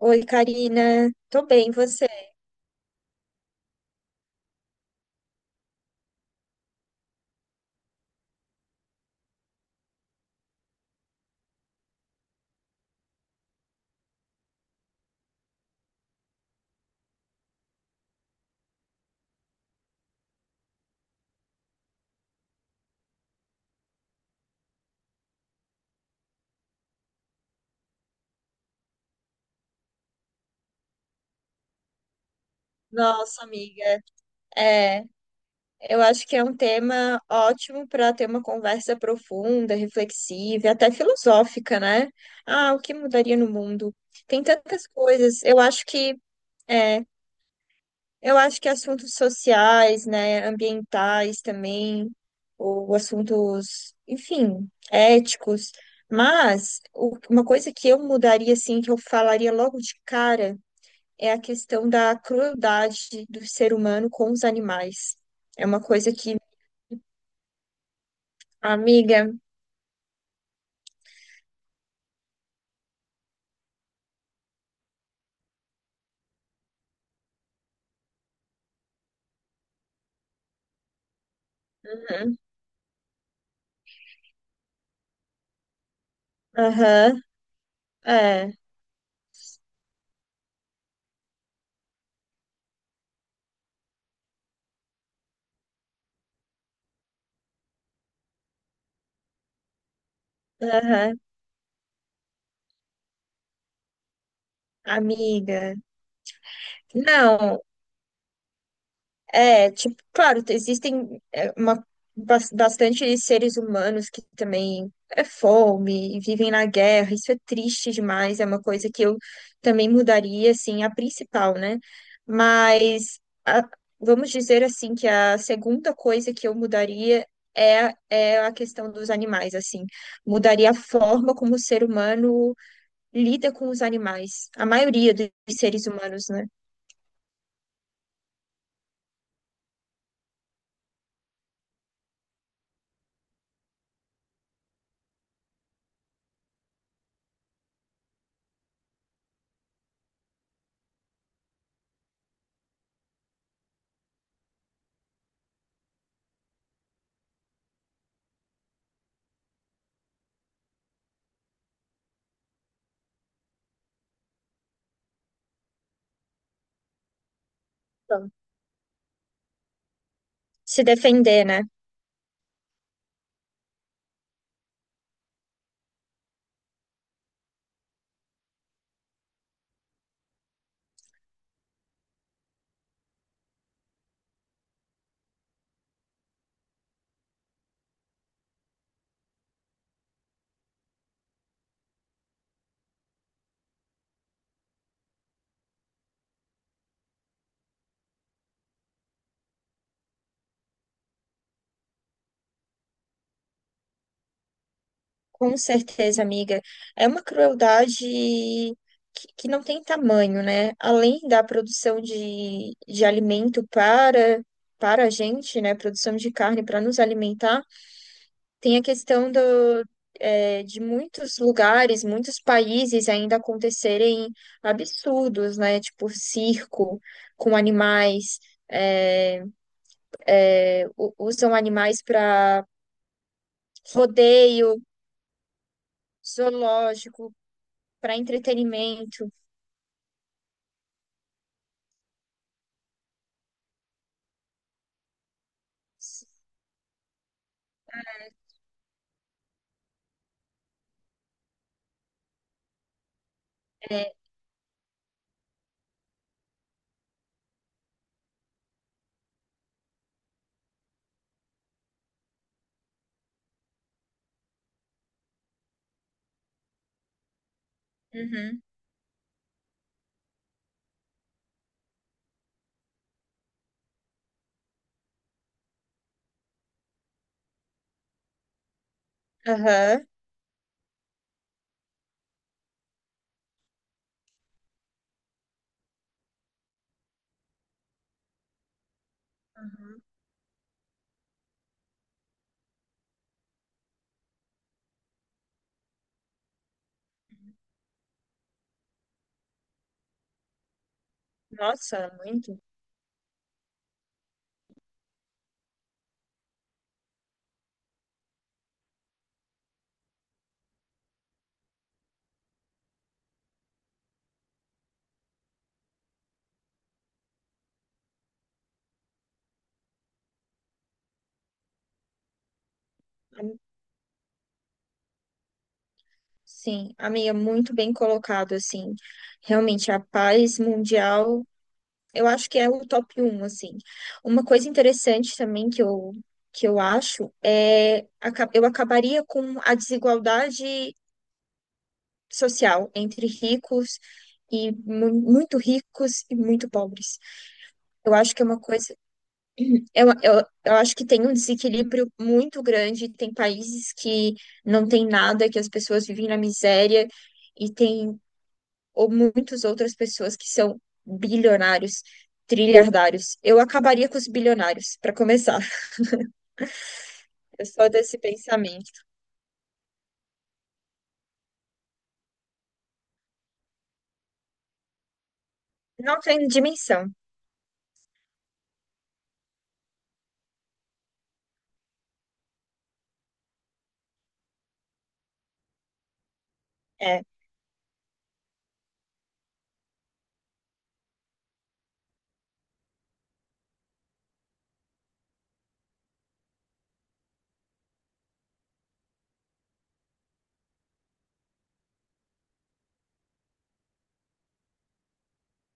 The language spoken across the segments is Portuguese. Oi, Karina. Tô bem, e você? Nossa, amiga. É, eu acho que é um tema ótimo para ter uma conversa profunda, reflexiva, e até filosófica, né? Ah, o que mudaria no mundo? Tem tantas coisas. É, eu acho que assuntos sociais, né, ambientais também, ou assuntos, enfim, éticos. Mas uma coisa que eu mudaria, assim, que eu falaria logo de cara é a questão da crueldade do ser humano com os animais. É uma coisa que, amiga. Uhum, aham, é, aham, amiga. Não, é, tipo, claro, existem bastante seres humanos que também é fome, e vivem na guerra. Isso é triste demais, é uma coisa que eu também mudaria, assim, a principal, né? Mas a- vamos dizer assim que a segunda coisa que eu mudaria é a questão dos animais, assim. Mudaria a forma como o ser humano lida com os animais, a maioria dos seres humanos, né? Então, se defender, né? Com certeza, amiga. É uma crueldade que não tem tamanho, né? Além da produção de alimento para, para a gente, né? Produção de carne para nos alimentar, tem a questão de muitos lugares, muitos países ainda acontecerem absurdos, né? Tipo circo com animais, é, usam animais para rodeio, zoológico, para entretenimento. É, uhum, aham, aham. Nossa, muito. Am-, sim, amiga, muito bem colocado, assim. Realmente, a paz mundial, eu acho que é o top um assim. Uma coisa interessante também que eu acho é eu acabaria com a desigualdade social entre ricos muito ricos e muito pobres. Eu acho que é uma coisa. Eu acho que tem um desequilíbrio muito grande. Tem países que não tem nada, que as pessoas vivem na miséria, e tem ou muitas outras pessoas que são bilionários, trilhardários. Eu acabaria com os bilionários, para começar. Eu sou desse pensamento. Não tem dimensão. É,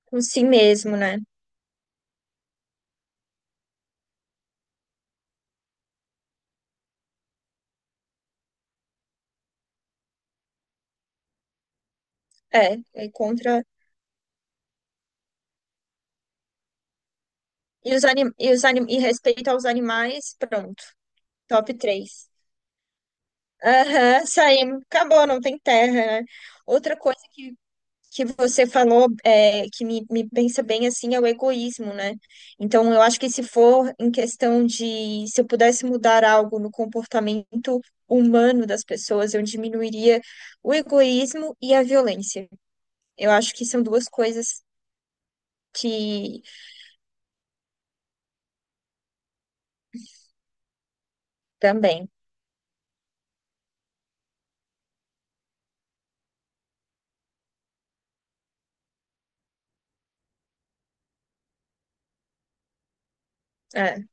com si mesmo, né? É, é contra. E respeito aos animais, pronto. Top três. Aham, saímos. Acabou, não tem terra, né? Outra coisa que você falou me pensa bem assim é o egoísmo, né? Então, eu acho que se for em questão de se eu pudesse mudar algo no comportamento humano das pessoas, eu diminuiria o egoísmo e a violência. Eu acho que são duas coisas que também, é,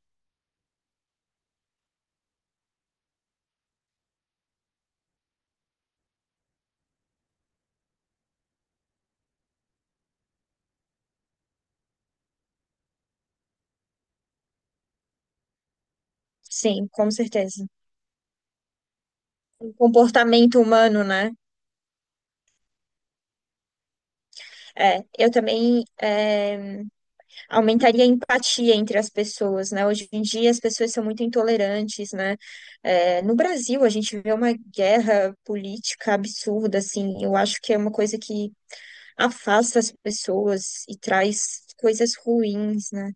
sim, com certeza. O comportamento humano, né? É, eu também. É, aumentaria a empatia entre as pessoas, né? Hoje em dia as pessoas são muito intolerantes, né? É, no Brasil a gente vê uma guerra política absurda, assim. Eu acho que é uma coisa que afasta as pessoas e traz coisas ruins, né?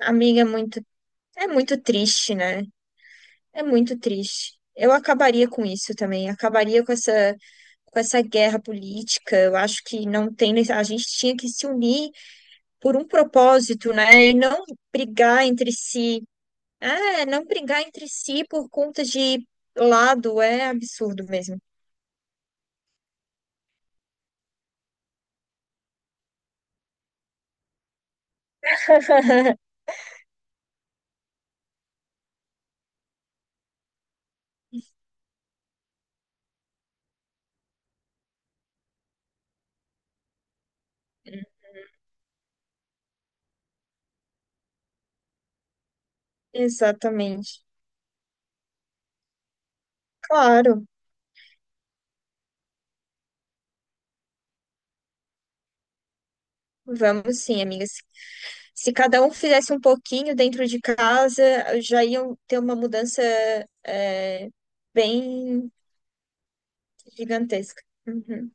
Amiga, é muito triste, né? É muito triste. Eu acabaria com isso também, acabaria com essa, com essa guerra política. Eu acho que não tem, a gente tinha que se unir por um propósito, né? E não brigar entre si. É, não brigar entre si por conta de lado é absurdo mesmo. Exatamente. Claro, vamos sim, amigas. Se cada um fizesse um pouquinho dentro de casa, já iam ter uma mudança, é, bem gigantesca. Uhum.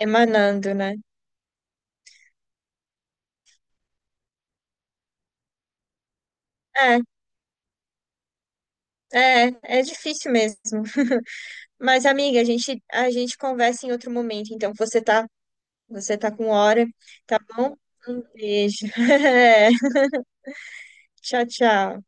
Emanando, né? É, é difícil mesmo. Mas, amiga, a gente conversa em outro momento. Então, você tá com hora, tá bom? Um beijo. Tchau, tchau.